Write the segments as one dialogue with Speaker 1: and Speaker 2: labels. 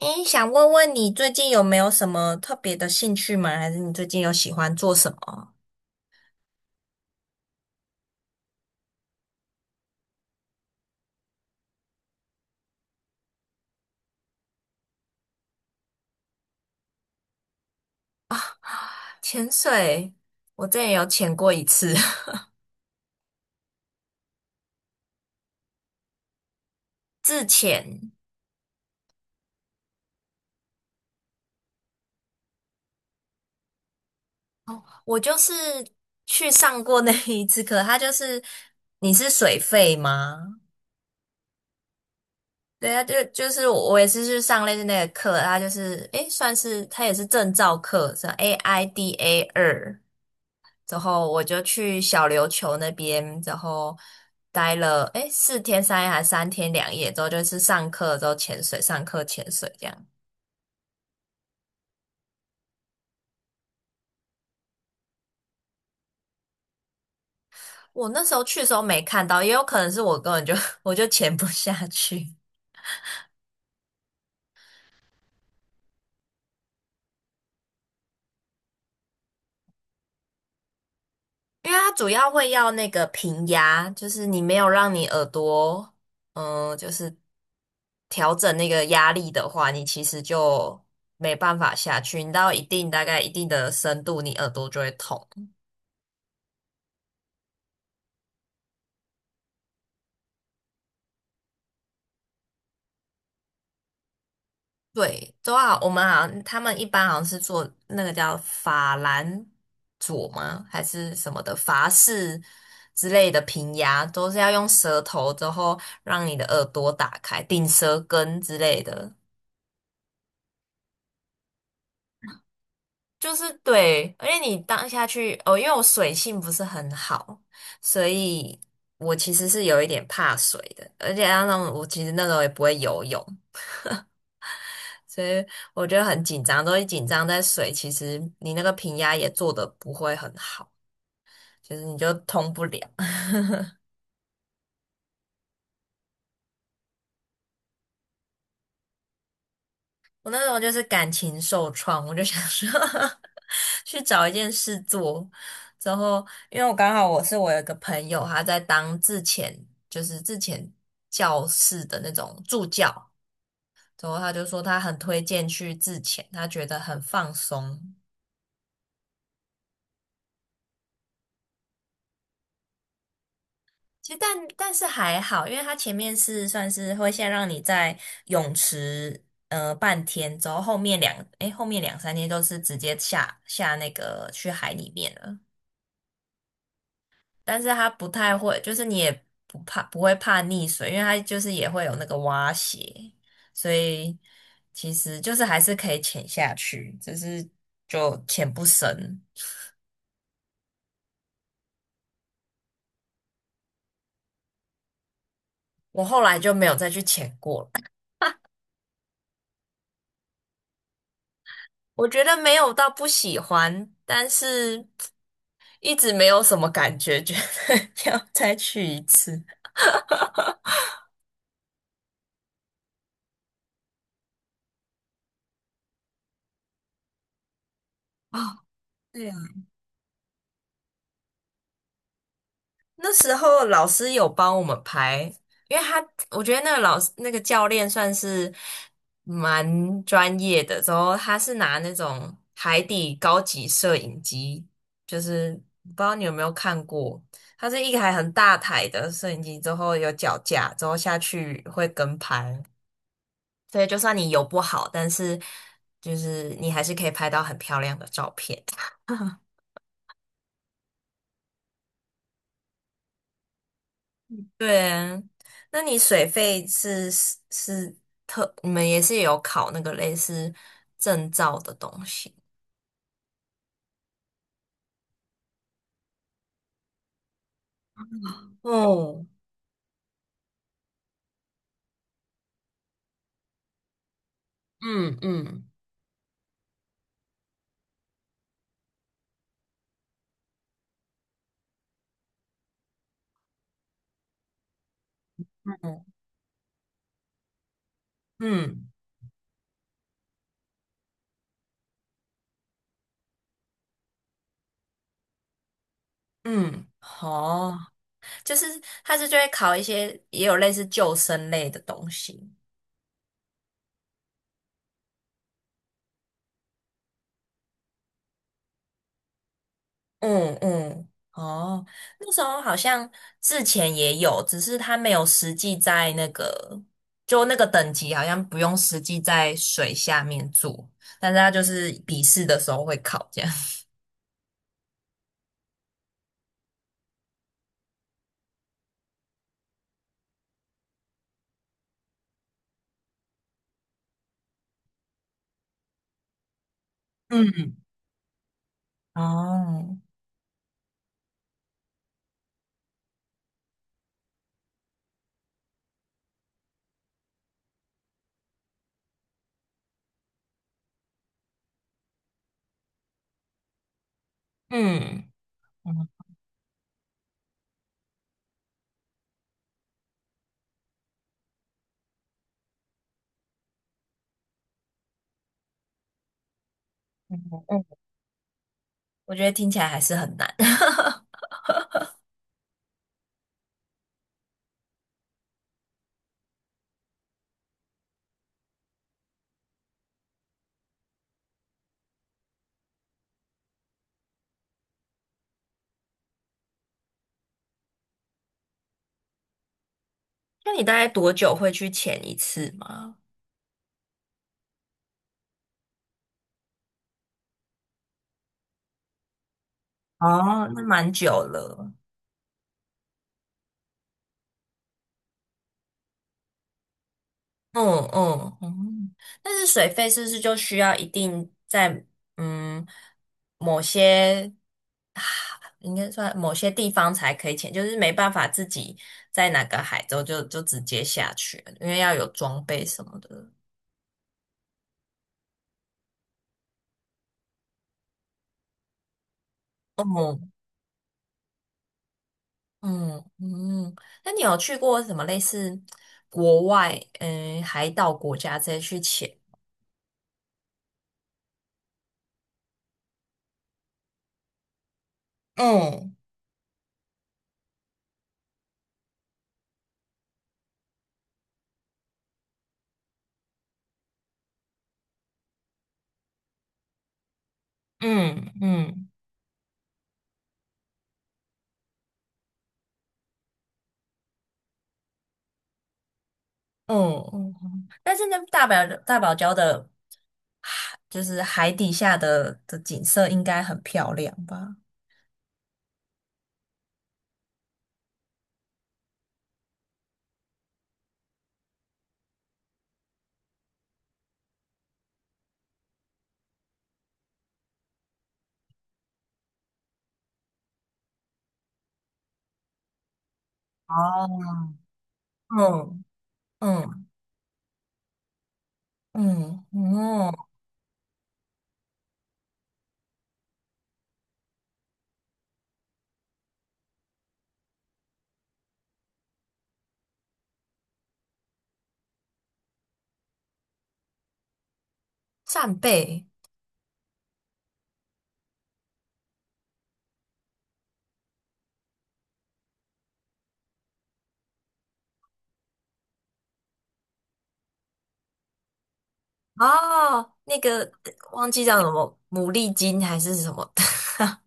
Speaker 1: 诶，想问问你最近有没有什么特别的兴趣吗？还是你最近有喜欢做什么？潜水。我之前有潜过一次。 自潜。我就是去上过那一次课。它就是你是水费吗？对啊。就是我也是去上类似那个课。它就是算是它也是证照课，是 AIDA 二。之后我就去小琉球那边，然后待了4天3夜还是3天2夜，之后就是上课之后潜水，上课潜水这样。我那时候去的时候没看到，也有可能是我根本就 我就潜不下去。因为它主要会要那个平压，就是你没有让你耳朵就是调整那个压力的话，你其实就没办法下去。你到一定大概一定的深度，你耳朵就会痛。对，都好。我们好像他们一般好像是做那个叫法兰佐吗？还是什么的法式之类的平牙，都是要用舌头之后让你的耳朵打开，顶舌根之类的。就是对。而且你当下去哦，因为我水性不是很好，所以我其实是有一点怕水的。而且加上我其实那时候也不会游泳，所以我觉得很紧张。都一紧张在水，其实你那个平压也做的不会很好，就是你就通不了。我那时候就是感情受创，我就想说 去找一件事做。之后，因为我刚好我有一个朋友，他在当自遣。就是自遣教室的那种助教。之后他就说他很推荐去自遣，他觉得很放松。其实但是还好。因为它前面是算是会先让你在泳池半天。之后后面两诶后面两三天都是直接下那个去海里面了。但是它不太会，就是你也不会怕溺水。因为它就是也会有那个蛙鞋，所以其实就是还是可以潜下去，只是就潜不深。我后来就没有再去潜过了。我觉得没有到不喜欢，但是一直没有什么感觉，觉得 要再去一次。哦。对啊。那时候老师有帮我们排，因为他我觉得那个老师那个教练算是蛮专业的。之后他是拿那种海底高级摄影机，就是不知道你有没有看过。它是一台很大台的摄影机，之后有脚架，之后下去会跟拍。所以就算你游不好，但是就是你还是可以拍到很漂亮的照片。对，啊。那你水费是是是特，你们也是有考那个类似证照的东西。哦。嗯嗯嗯嗯，好。就是就会考一些也有类似救生类的东西。嗯嗯，哦。那时候好像之前也有，只是它没有实际在那个，就那个等级好像不用实际在水下面做，但是它就是笔试的时候会考这样。嗯。哦，嗯。嗯嗯嗯我觉得听起来还是很难。那你大概多久会去潜一次吗？哦。那蛮久了。嗯嗯嗯。但是水费是不是就需要一定在嗯某些啊，应该算某些地方才可以潜，就是没办法自己在哪个海州就就直接下去，因为要有装备什么的。嗯嗯嗯。那你有去过什么类似国外海岛国家这些去潜？嗯嗯嗯。嗯嗯。但是那大堡礁的海，就是海底下的景色应该很漂亮吧？哦。嗯嗯嗯嗯，扇贝。哦，那个忘记叫什么牡蛎金还是什么的。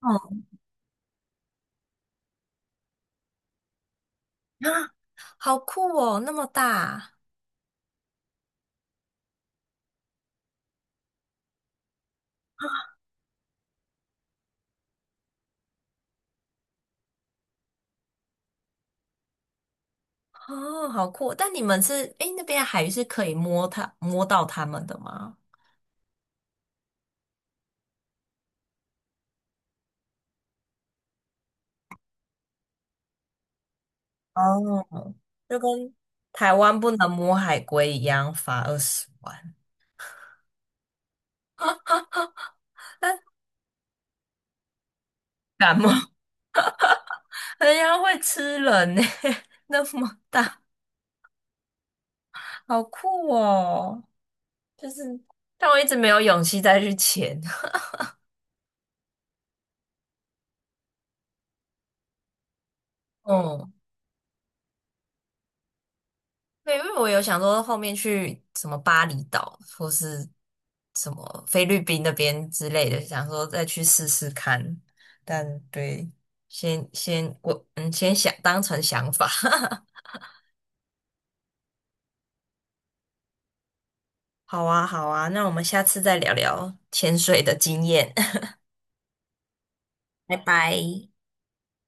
Speaker 1: 嗯，啊。好酷哦，那么大。哦，好酷哦！但你们是那边的海域是可以摸到它们的吗？哦。就跟台湾不能摸海龟一样，罚20万。感冒。人家会吃人呢、那么大。好酷哦！就是，但我一直没有勇气再去潜。嗯，对。因为我有想说后面去什么巴厘岛或是什么菲律宾那边之类的，想说再去试试看。但对，先我先想当成想法。好啊，好啊。那我们下次再聊聊潜水的经验。拜拜。